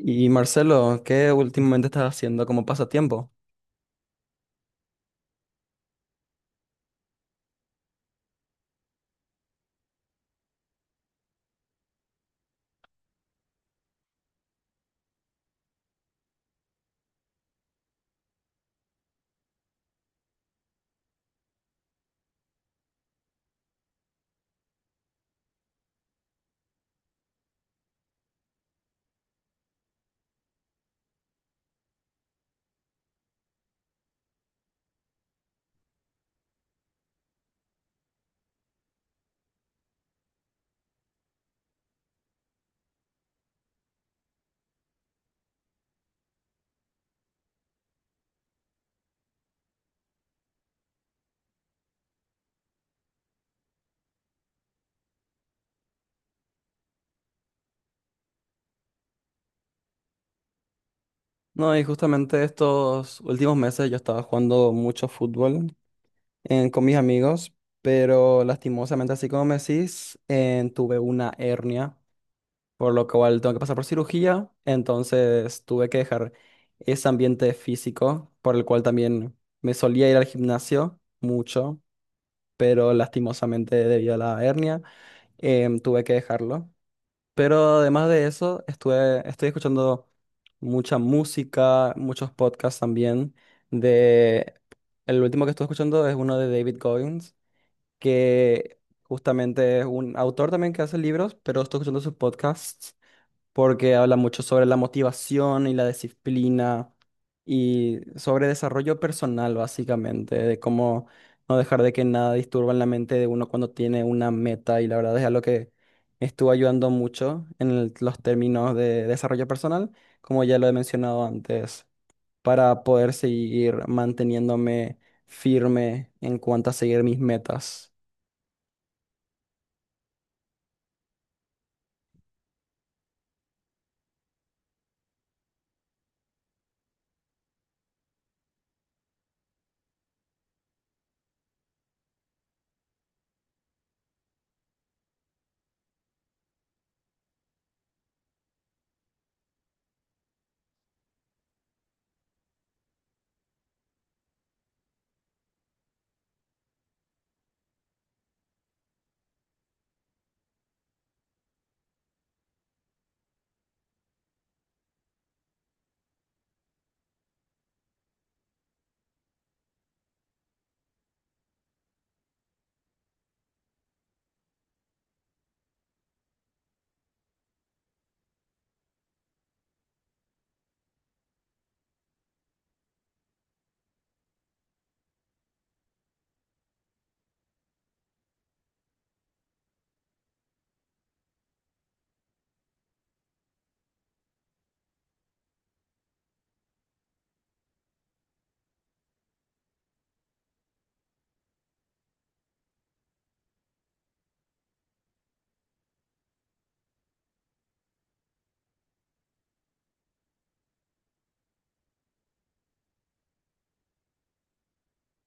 Y Marcelo, ¿qué últimamente estás haciendo como pasatiempo? No, y justamente estos últimos meses yo estaba jugando mucho fútbol con mis amigos, pero lastimosamente, así como me decís, tuve una hernia, por lo cual tengo que pasar por cirugía, entonces tuve que dejar ese ambiente físico, por el cual también me solía ir al gimnasio mucho, pero lastimosamente debido a la hernia, tuve que dejarlo. Pero además de eso, estoy escuchando mucha música, muchos podcasts también. De, el último que estuve escuchando es uno de David Goggins, que justamente es un autor también que hace libros, pero estoy escuchando sus podcasts porque habla mucho sobre la motivación y la disciplina y sobre desarrollo personal, básicamente, de cómo no dejar de que nada disturba en la mente de uno cuando tiene una meta. Y la verdad es algo que me estuvo ayudando mucho en los términos de desarrollo personal, como ya lo he mencionado antes, para poder seguir manteniéndome firme en cuanto a seguir mis metas.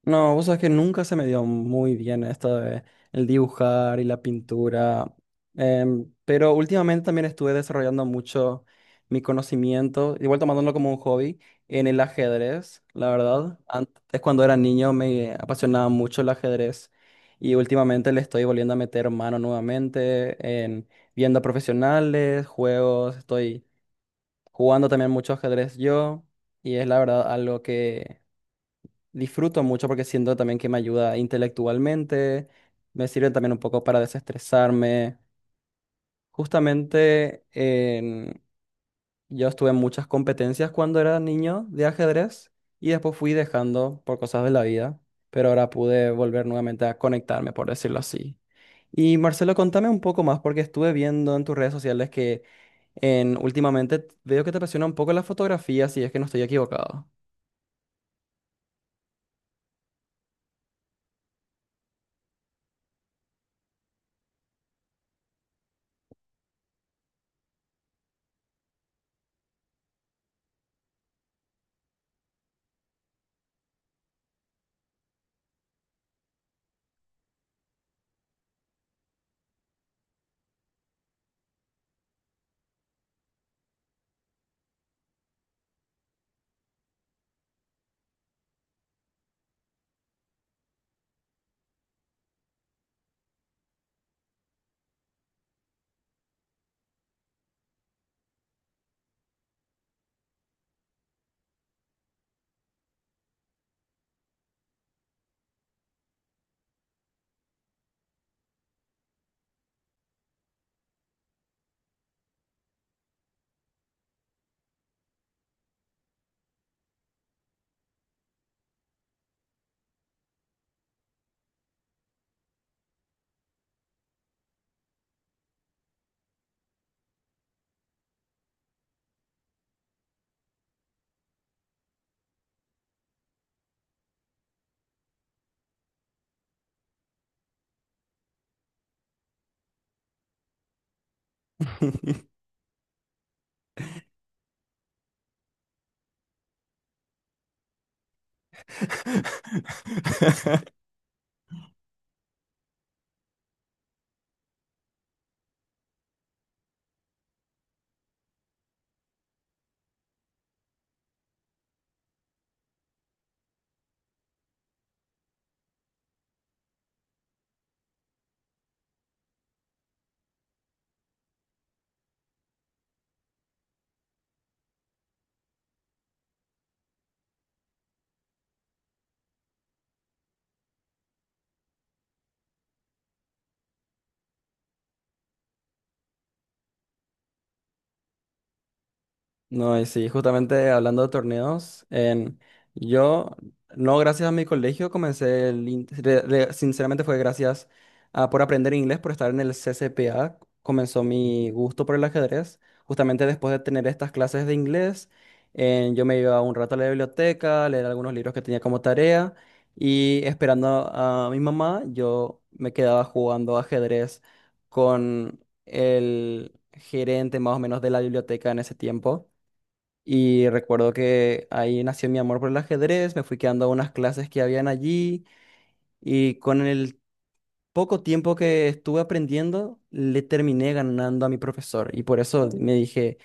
No, vos sabés que nunca se me dio muy bien esto de el dibujar y la pintura, pero últimamente también estuve desarrollando mucho mi conocimiento, igual tomándolo como un hobby, en el ajedrez, la verdad. Antes, cuando era niño, me apasionaba mucho el ajedrez y últimamente le estoy volviendo a meter mano nuevamente en viendo a profesionales, juegos, estoy jugando también mucho ajedrez yo y es la verdad algo que disfruto mucho porque siento también que me ayuda intelectualmente, me sirve también un poco para desestresarme. Justamente en- yo estuve en muchas competencias cuando era niño de ajedrez y después fui dejando por cosas de la vida, pero ahora pude volver nuevamente a conectarme, por decirlo así. Y Marcelo, contame un poco más porque estuve viendo en tus redes sociales que últimamente veo que te apasiona un poco la fotografía, si es que no estoy equivocado. No, y sí, justamente hablando de torneos, yo, no gracias a mi colegio, comencé, el in- re- re- sinceramente fue gracias a por aprender inglés, por estar en el CCPA, comenzó mi gusto por el ajedrez. Justamente después de tener estas clases de inglés, yo me iba un rato a la biblioteca, a leer algunos libros que tenía como tarea, y esperando a mi mamá, yo me quedaba jugando ajedrez con el gerente más o menos de la biblioteca en ese tiempo. Y recuerdo que ahí nació mi amor por el ajedrez, me fui quedando a unas clases que habían allí y con el poco tiempo que estuve aprendiendo, le terminé ganando a mi profesor. Y por eso me dije,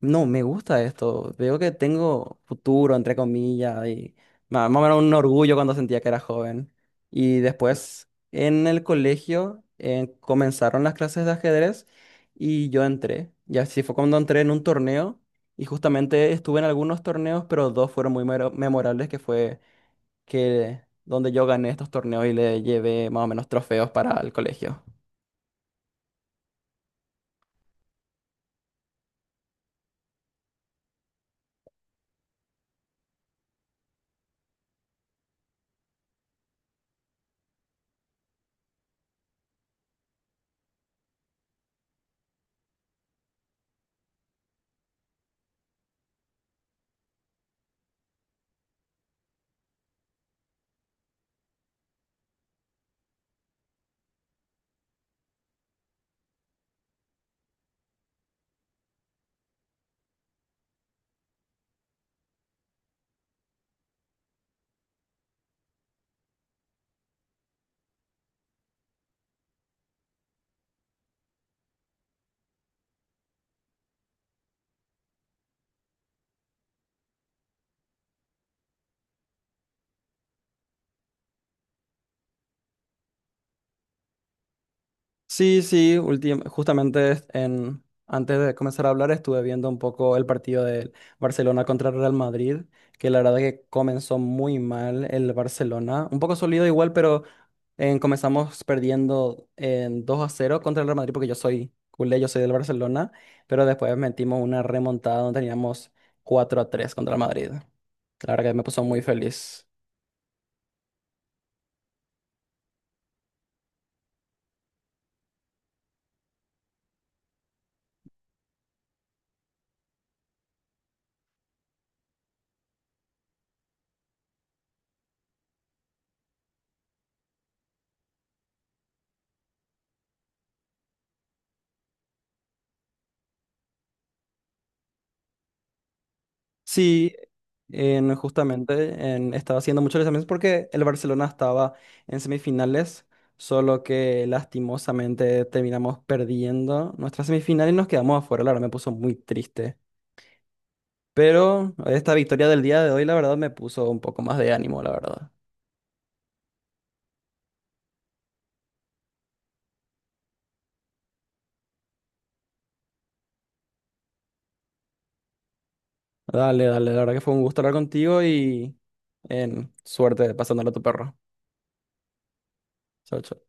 no, me gusta esto, veo que tengo futuro, entre comillas, y más o menos un orgullo cuando sentía que era joven. Y después en el colegio comenzaron las clases de ajedrez y yo entré. Y así fue cuando entré en un torneo y justamente estuve en algunos torneos, pero dos fueron memorables, que fue que donde yo gané estos torneos y le llevé más o menos trofeos para el colegio. Sí, sí, justamente antes de comenzar a hablar estuve viendo un poco el partido del Barcelona contra el Real Madrid, que la verdad que comenzó muy mal el Barcelona, un poco sólido igual, pero comenzamos perdiendo en 2-0 contra el Real Madrid porque yo soy culé, yo soy del Barcelona, pero después metimos una remontada donde teníamos 4-3 contra el Madrid. La verdad que me puso muy feliz. Sí, estaba haciendo muchos lanzamientos porque el Barcelona estaba en semifinales, solo que lastimosamente terminamos perdiendo nuestra semifinal y nos quedamos afuera. La verdad me puso muy triste. Pero esta victoria del día de hoy, la verdad, me puso un poco más de ánimo, la verdad. Dale, dale, la verdad que fue un gusto hablar contigo y en suerte pasándole a tu perro. Chao, chao.